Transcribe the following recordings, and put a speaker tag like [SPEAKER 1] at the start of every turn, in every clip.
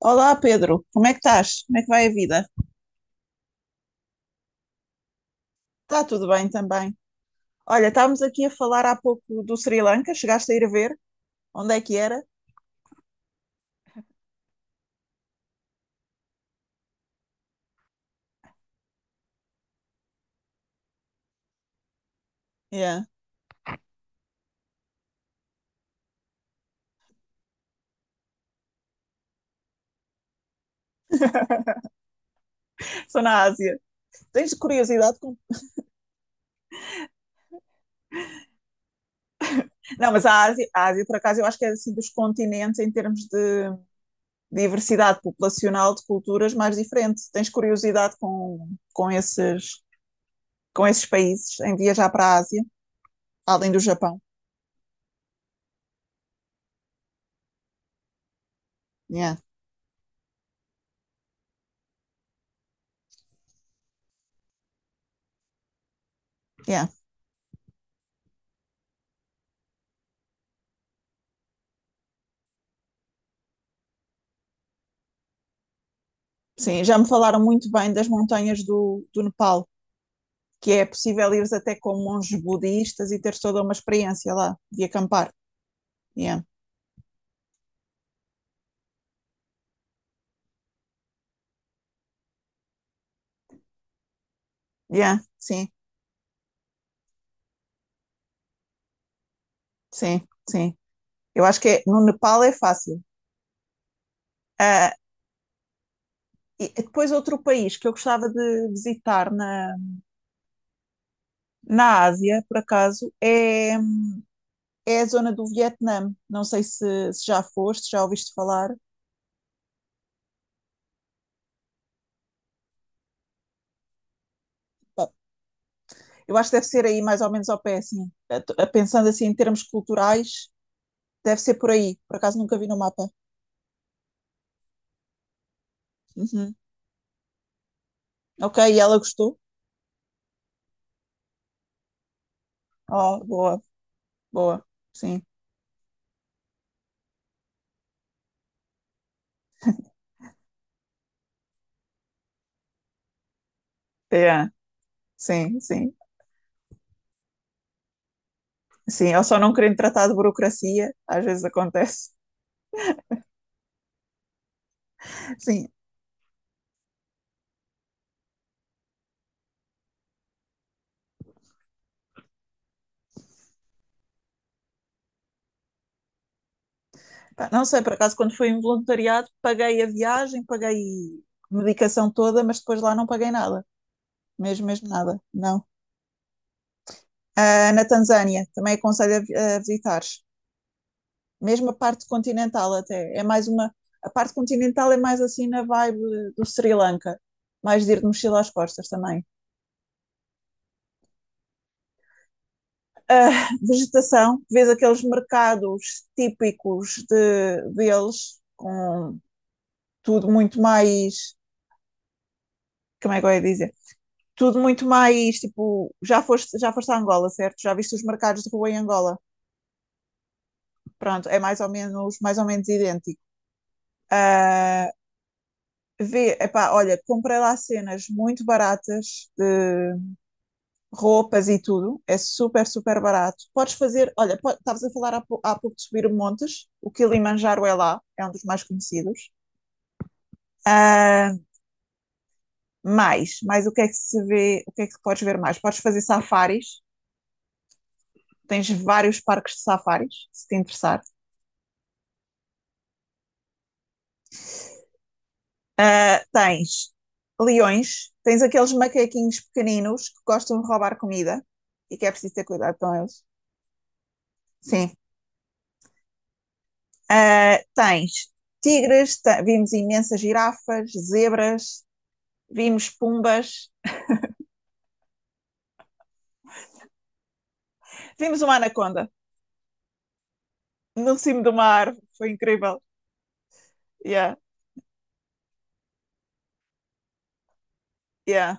[SPEAKER 1] Olá, Pedro, como é que estás? Como é que vai a vida? Está tudo bem também. Olha, estávamos aqui a falar há pouco do Sri Lanka, chegaste a ir ver? Onde é que era? Yeah. Sou na Ásia. Tens curiosidade com. Não, mas a Ásia, por acaso, eu acho que é assim dos continentes em termos de diversidade populacional, de culturas mais diferente. Tens curiosidade com esses, com esses países em viajar para a Ásia, além do Japão? Yeah, yeah. Sim, já me falaram muito bem das montanhas do Nepal, que é possível ires até com monges budistas e teres toda uma experiência lá de acampar. Yeah. Yeah. Sim, sim, sim. Eu acho que é, no Nepal é fácil. Ah, e depois outro país que eu gostava de visitar na Ásia, por acaso, é a zona do Vietnã. Não sei se já foste, já ouviste falar. Eu acho que deve ser aí mais ou menos ao pé, assim. Pensando assim em termos culturais, deve ser por aí. Por acaso nunca vi no mapa. Uhum. Ok, e ela gostou? Oh, boa. Boa, sim. É, sim, sim. Sim, eu só não querendo tratar de burocracia, às vezes acontece. Sim. Pá, não sei, por acaso, quando fui em voluntariado, paguei a viagem, paguei medicação toda, mas depois lá não paguei nada. Mesmo, mesmo nada, não. Ah, na Tanzânia, também aconselho a visitares. Mesmo a parte continental até, é mais uma. A parte continental é mais assim na vibe do Sri Lanka. Mais de ir de mochila às costas também. Vegetação, vês aqueles mercados típicos deles, com tudo muito mais, como é que eu ia dizer? Tudo muito mais, tipo, já foste a Angola, certo? Já viste os mercados de rua em Angola? Pronto, é mais ou menos idêntico. Uh, Vê, epá, olha, comprei lá cenas muito baratas de roupas e tudo, é super, super barato. Podes fazer, olha, estavas a falar há pouco de subir montes, o Kilimanjaro é lá, é um dos mais conhecidos. Ah, mais o que é que se vê, o que é que podes ver mais? Podes fazer safaris, tens vários parques de safaris, se te interessar. Ah, tens leões, tens aqueles macaquinhos pequeninos que gostam de roubar comida e que é preciso ter cuidado com eles. Sim. Ah, tens tigres, vimos imensas girafas, zebras, vimos pumbas, vimos uma anaconda no cimo de uma árvore, foi incrível. Yeah, yeah,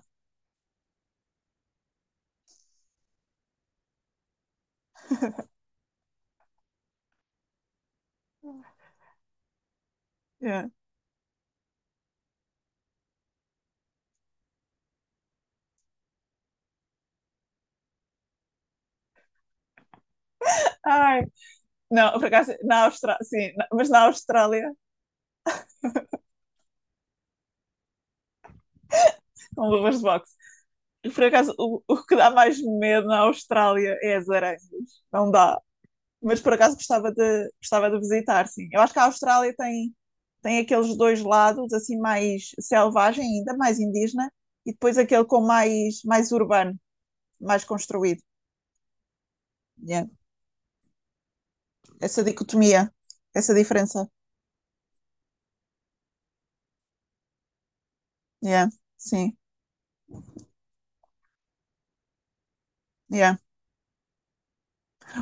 [SPEAKER 1] yeah. Ai, não, por acaso, na Austrália, sim, mas na Austrália, com luvas de boxe. Por acaso, o que dá mais medo na Austrália é as aranhas. Não dá. Mas por acaso gostava de, visitar, sim. Eu acho que a Austrália tem aqueles dois lados, assim, mais selvagem ainda, mais indígena, e depois aquele com mais urbano, mais construído. Yeah. Essa dicotomia, essa diferença. Yeah. Sim. Yeah.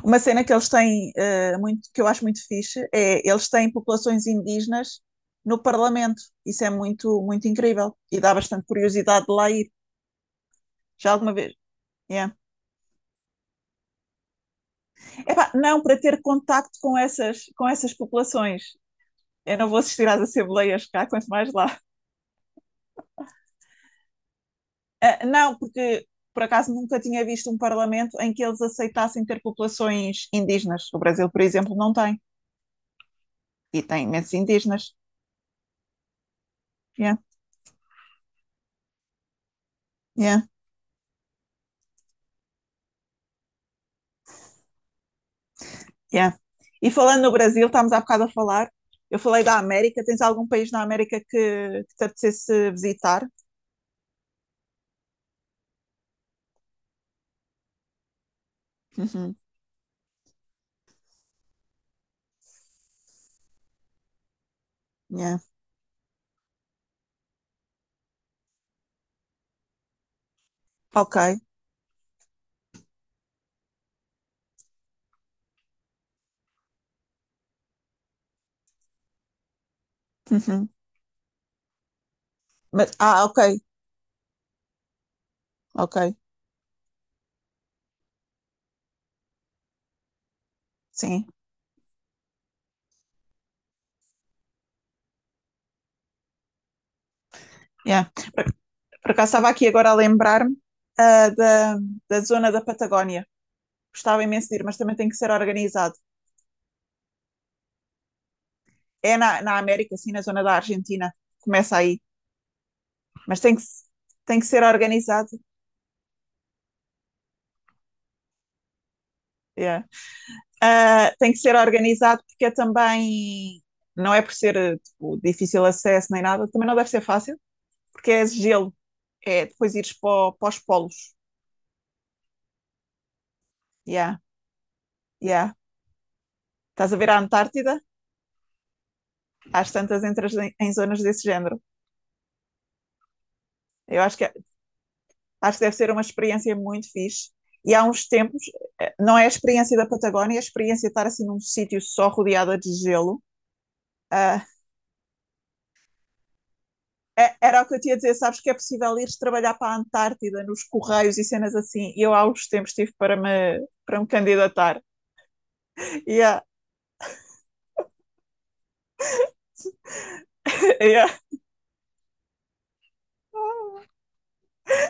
[SPEAKER 1] Uma cena que eles têm, muito, que eu acho muito fixe, é eles têm populações indígenas no Parlamento. Isso é muito, muito incrível e dá bastante curiosidade de lá ir. Já alguma vez? Yeah. Epá, não, para ter contacto com essas populações. Eu não vou assistir às assembleias cá, quanto mais lá. Ah, não, porque por acaso nunca tinha visto um parlamento em que eles aceitassem ter populações indígenas. O Brasil, por exemplo, não tem. E tem imensos indígenas. Yeah, yeah. Yeah. E falando no Brasil, estávamos há bocado a falar. Eu falei da América. Tens algum país na América que te apetecesse visitar? Uhum. Yeah. Ok. Uhum. Mas, ah, ok. Ok. Sim. Yeah. Por acaso estava aqui agora a lembrar-me, ah, da, da zona da Patagónia. Gostava imenso de ir, mas também tem que ser organizado. É na América, assim, na zona da Argentina. Começa aí. Mas tem que, se- tem que ser organizado. Yeah. Tem que ser organizado porque é também, não é por ser tipo difícil acesso nem nada, também não deve ser fácil, porque é gelo, é depois ires para os polos. Yeah, yeah. Estás a ver a Antártida? Às tantas entras em zonas desse género. Eu acho que, deve ser uma experiência muito fixe. E há uns tempos, não é a experiência da Patagónia, é a experiência de estar assim num sítio só rodeada de gelo. ah, Era o que eu tinha a dizer, sabes que é possível ir trabalhar para a Antártida nos Correios e cenas assim. E eu há uns tempos tive para me, candidatar. E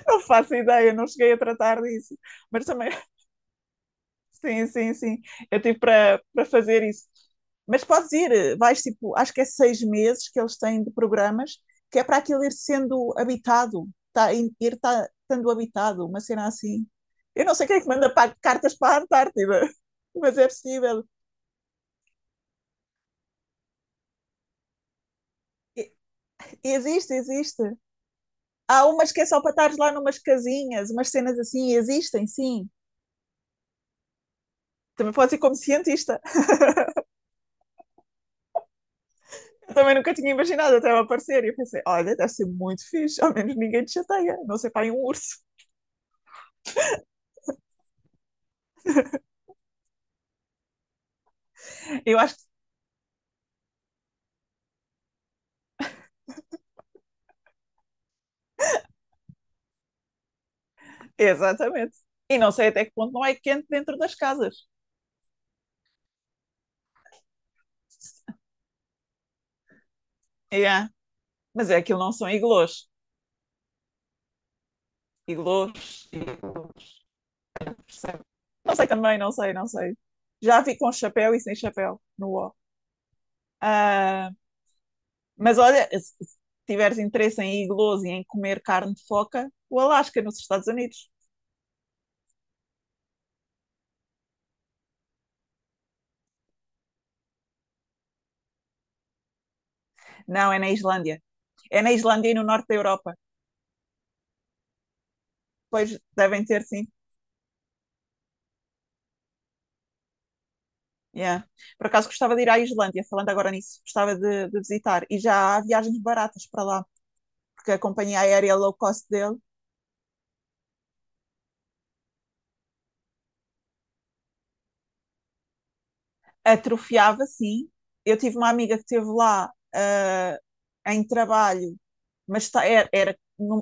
[SPEAKER 1] não faço ideia, não cheguei a tratar disso. Mas também, sim, sim, sim. Eu tive para fazer isso. Mas podes ir, vais tipo, acho que é 6 meses que eles têm de programas, que é para aquilo ir sendo habitado, tá, ir, tá, estando habitado, uma cena assim. Eu não sei quem é que manda cartas para a Antártida, mas é possível. Existe, existe. Há umas que é só para estar lá numas casinhas, umas cenas assim, existem, sim. Também pode ser como cientista. Eu também nunca tinha imaginado até ela aparecer. E eu pensei: olha, deve ser muito fixe, ao menos ninguém te chateia, não sei, para um urso. Eu acho que. Exatamente. E não sei até que ponto não é quente dentro das casas. Yeah. Mas é que não são iglôs. Iglôs. Iglôs. Sei. Não sei também, não sei, não sei. Já vi com chapéu e sem chapéu no o. Ah, mas olha, se tiveres interesse em iglós e em comer carne de foca, o Alasca, nos Estados Unidos. Não, é na Islândia. É na Islândia e no norte da Europa. Pois devem ter, sim. Yeah. Por acaso gostava de ir à Islândia, falando agora nisso, gostava de visitar. E já há viagens baratas para lá, porque a companhia aérea low cost dele atrofiava, sim. Eu tive uma amiga que esteve lá, em trabalho, mas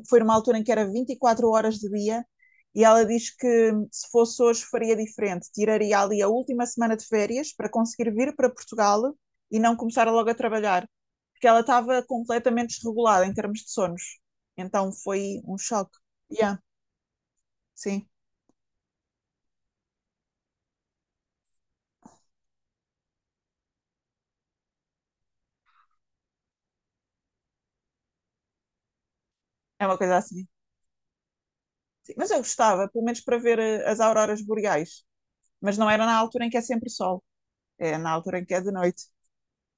[SPEAKER 1] foi numa altura em que era 24 horas de dia, e ela diz que se fosse hoje faria diferente, tiraria ali a última semana de férias para conseguir vir para Portugal e não começar logo a trabalhar, porque ela estava completamente desregulada em termos de sonos. Então foi um choque. Yeah, sim, é uma coisa assim. Sim, mas eu gostava, pelo menos para ver, as auroras boreais, mas não era na altura em que é sempre sol, é na altura em que é de noite.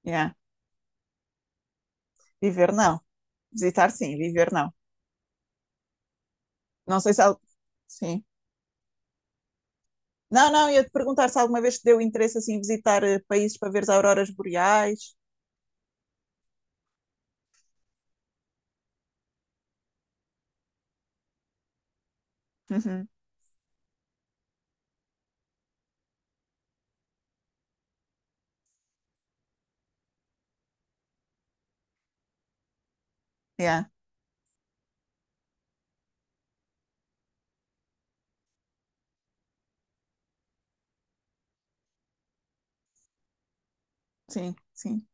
[SPEAKER 1] Yeah. Viver não, visitar sim, viver não. Não sei se al- Sim. Não, não, ia te perguntar se alguma vez te deu interesse assim visitar, países para ver as auroras boreais. Uhum. Yeah. Sim, sim.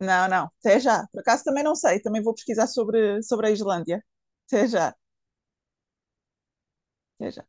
[SPEAKER 1] Não, não. Até já. Por acaso também não sei. Também vou pesquisar sobre, a Islândia. Até já. Até já.